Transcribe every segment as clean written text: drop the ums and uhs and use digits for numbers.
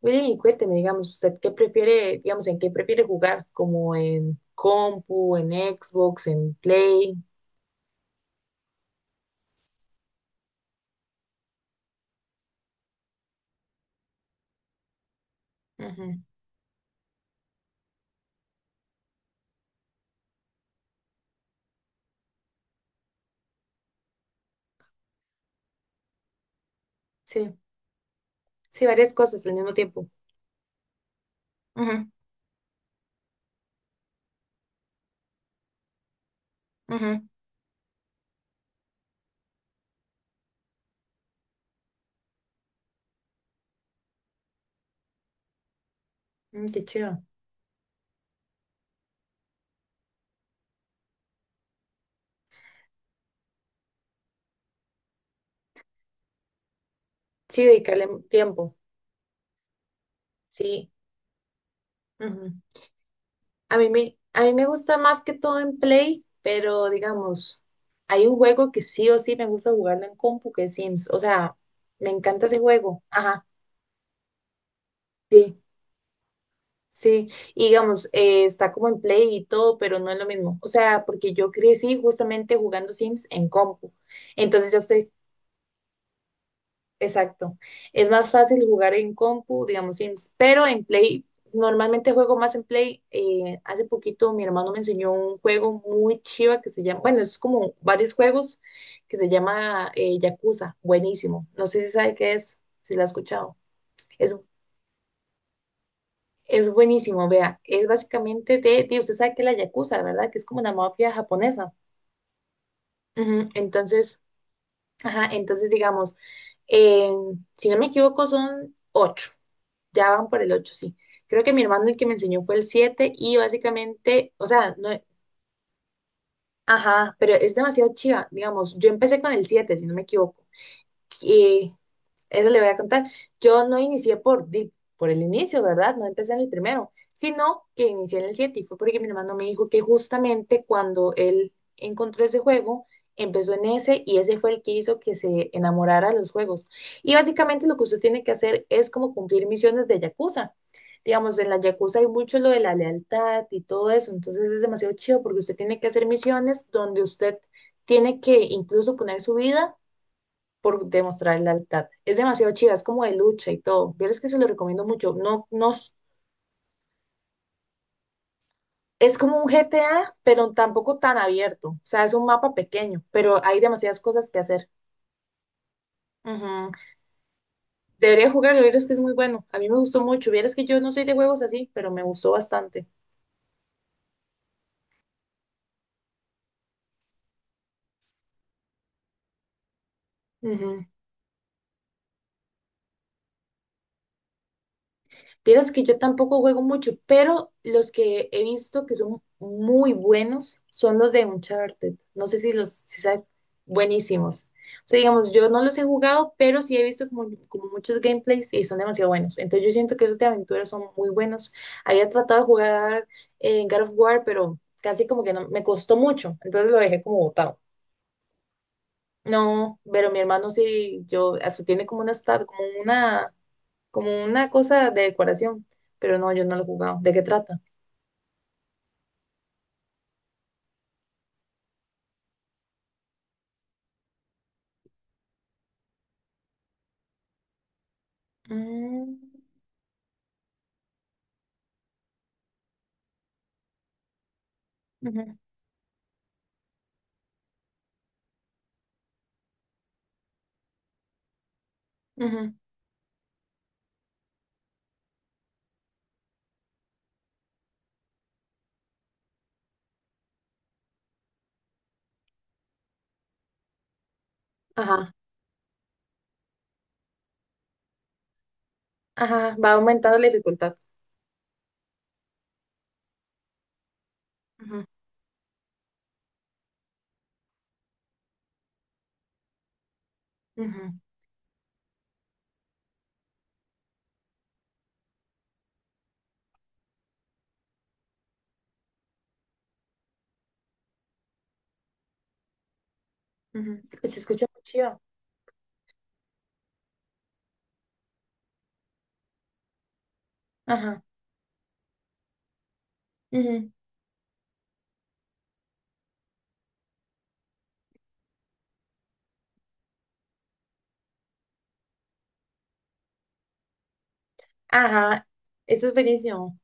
William, y cuénteme, digamos, ¿usted qué prefiere, digamos, en qué prefiere jugar? ¿Como en compu, en Xbox, en Play? Ujú. Sí, sí, varias cosas al mismo tiempo. Ujú. Ujú. Mm, qué chido. Sí, dedicarle tiempo. Sí. Ujú. A mí me gusta más que todo en Play, pero digamos, hay un juego que sí o sí me gusta jugarlo en compu, que es Sims. O sea, me encanta ese juego. Ajá. Sí. Sí, y digamos, está como en Play y todo, pero no es lo mismo. O sea, porque yo crecí justamente jugando Sims en compu. Entonces yo estoy, exacto. Es más fácil jugar en compu, digamos, Sims, pero en Play, normalmente juego más en Play. Hace poquito mi hermano me enseñó un juego muy chiva que se llama, bueno, es como varios juegos que se llama Yakuza. Buenísimo. No sé si sabe qué es, si lo ha escuchado. Es buenísimo, vea, es básicamente usted sabe que la Yakuza, ¿verdad? Que es como una mafia japonesa. Ujú. Entonces, ajá, entonces digamos, si no me equivoco son ocho, ya van por el ocho, sí. Creo que mi hermano el que me enseñó fue el siete y básicamente, o sea, no, ajá, pero es demasiado chiva, digamos, yo empecé con el siete, si no me equivoco. Y eso le voy a contar. Yo no inicié por, por el inicio, ¿verdad? No empecé en el primero, sino que inicié en el 7 y fue porque mi hermano me dijo que justamente cuando él encontró ese juego, empezó en ese y ese fue el que hizo que se enamorara de los juegos. Y básicamente lo que usted tiene que hacer es como cumplir misiones de Yakuza. Digamos, en la Yakuza hay mucho lo de la lealtad y todo eso, entonces es demasiado chido porque usted tiene que hacer misiones donde usted tiene que incluso poner su vida por demostrar lealtad. Es demasiado chiva, es como de lucha y todo. Vieres que se lo recomiendo mucho. No, no, es como un GTA, pero tampoco tan abierto. O sea, es un mapa pequeño, pero hay demasiadas cosas que hacer. Ujú. Debería jugarlo, vieres que es muy bueno. A mí me gustó mucho. Vieres que yo no soy de juegos así, pero me gustó bastante. Ujú. Vieras que yo tampoco juego mucho, pero los que he visto que son muy buenos son los de Uncharted. No sé si los si saben, buenísimos. O sea, digamos, yo no los he jugado, pero sí he visto como muchos gameplays y son demasiado buenos. Entonces yo siento que esos de aventuras son muy buenos. Había tratado de jugar en God of War, pero casi como que no, me costó mucho, entonces lo dejé como botado. No, pero mi hermano sí, yo, hasta tiene como una, como una cosa de decoración, pero no, yo no lo he jugado. ¿De qué trata? Mm. Ujú. Ujú. Ajá. Ajá, va aumentando la dificultad. Ujú. Ujú. Ujú. Se escucha muy chido. Ajá. Ujú. Ajá, eso es buenísimo.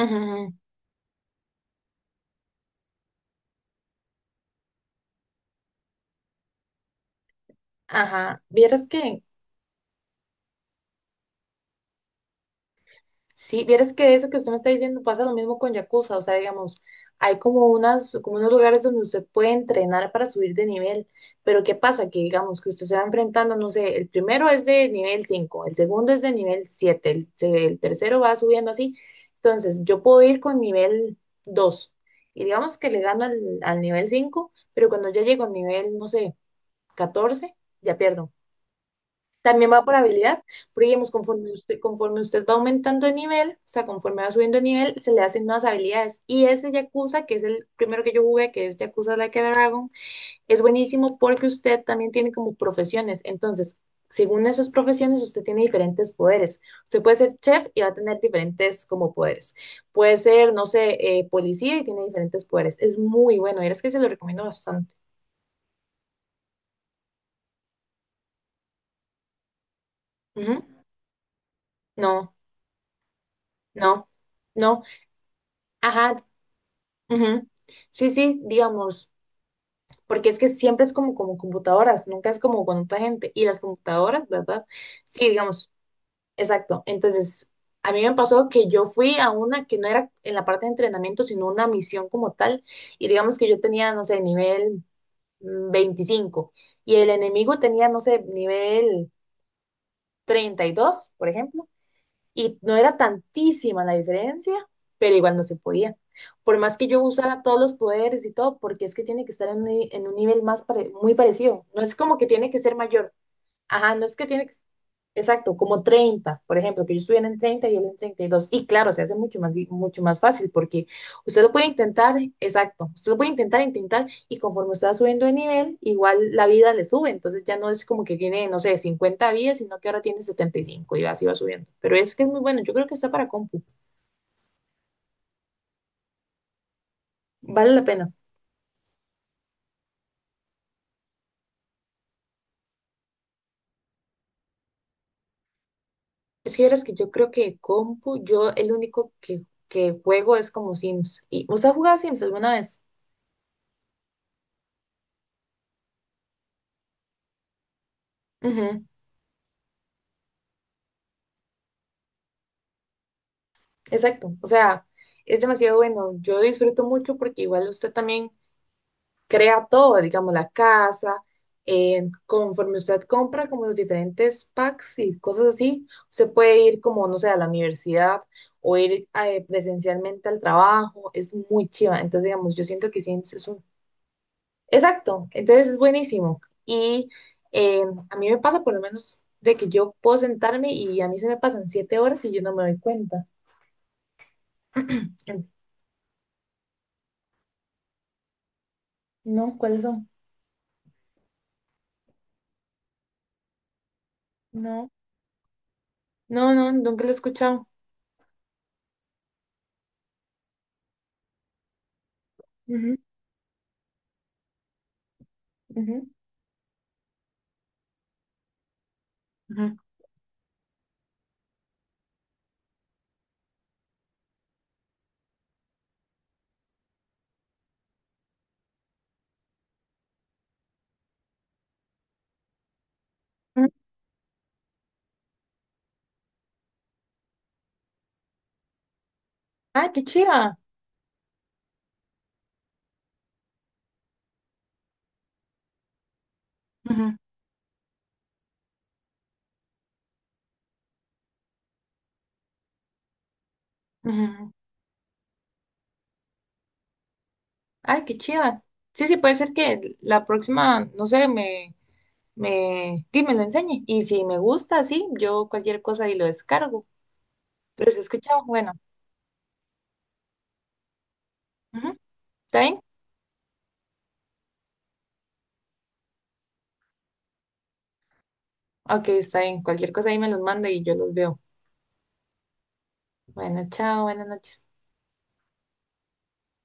Ujú. Ujú. Ajá, vieras que sí, vieras que eso que usted me está diciendo pasa lo mismo con Yakuza, o sea, digamos, hay como unas, como unos lugares donde usted puede entrenar para subir de nivel, pero ¿qué pasa? Que digamos que usted se va enfrentando, no sé, el primero es de nivel 5, el segundo es de nivel 7, el tercero va subiendo así, entonces yo puedo ir con nivel 2 y digamos que le gano al nivel 5, pero cuando ya llego al nivel, no sé, 14 ya pierdo. También va por habilidad, porque digamos, conforme usted va aumentando de nivel, o sea, conforme va subiendo de nivel, se le hacen nuevas habilidades. Y ese Yakuza, que es el primero que yo jugué, que es Yakuza Like a Dragon, es buenísimo porque usted también tiene como profesiones. Entonces, según esas profesiones, usted tiene diferentes poderes. Usted puede ser chef y va a tener diferentes como poderes. Puede ser, no sé, policía y tiene diferentes poderes. Es muy bueno, y es que se lo recomiendo bastante. Ujú. No, no, no. Ajá. Ujú. Sí, sí, digamos, porque es que siempre es como computadoras, nunca es como con otra gente. Y las computadoras, ¿verdad? Sí, digamos, exacto. Entonces, a mí me pasó que yo fui a una que no era en la parte de entrenamiento, sino una misión como tal. Y digamos que yo tenía, no sé, nivel 25 y el enemigo tenía, no sé, nivel 32, por ejemplo, y no era tantísima la diferencia, pero igual no se podía. Por más que yo usara todos los poderes y todo, porque es que tiene que estar en un, nivel más muy parecido. No es como que tiene que ser mayor. Ajá, no es que tiene que. Exacto, como 30, por ejemplo, que yo estuviera en 30 y él en 32. Y claro, se hace mucho más, mucho más fácil porque usted lo puede intentar, exacto, usted lo puede intentar y conforme usted va subiendo de nivel, igual la vida le sube. Entonces ya no es como que tiene, no sé, 50 vidas, sino que ahora tiene 75 y cinco y así va subiendo. Pero es que es muy bueno, yo creo que está para compu, vale la pena. Es que verás que yo creo que compu, yo el único que juego es como Sims. ¿Y usted ha jugado Sims alguna vez? Ujú. Exacto, o sea, es demasiado bueno. Yo disfruto mucho porque igual usted también crea todo, digamos, la casa, conforme usted compra como los diferentes packs y cosas así, usted puede ir como, no sé, a la universidad o ir presencialmente al trabajo, es muy chiva. Entonces, digamos, yo siento que sí, es un. Exacto, entonces es buenísimo. Y eh, a mí me pasa por lo menos de que yo puedo sentarme y a mí se me pasan 7 horas y yo no me doy cuenta. No, ¿cuáles son? No, no, no, nunca lo he escuchado. Ujú. Ujú. Ujú. Ujú. Ay, qué chiva. Ujú. Ujú. Ujú. Ay, qué chiva. Sí, sí, puede ser que la próxima, no sé, sí, me lo enseñe. Y si me gusta, sí, yo cualquier cosa y lo descargo. Pero si he escuchado, bueno, ujú. ¿Está bien? Ok, está bien. Cualquier cosa ahí me los manda y yo los veo. Bueno, chao, buenas noches.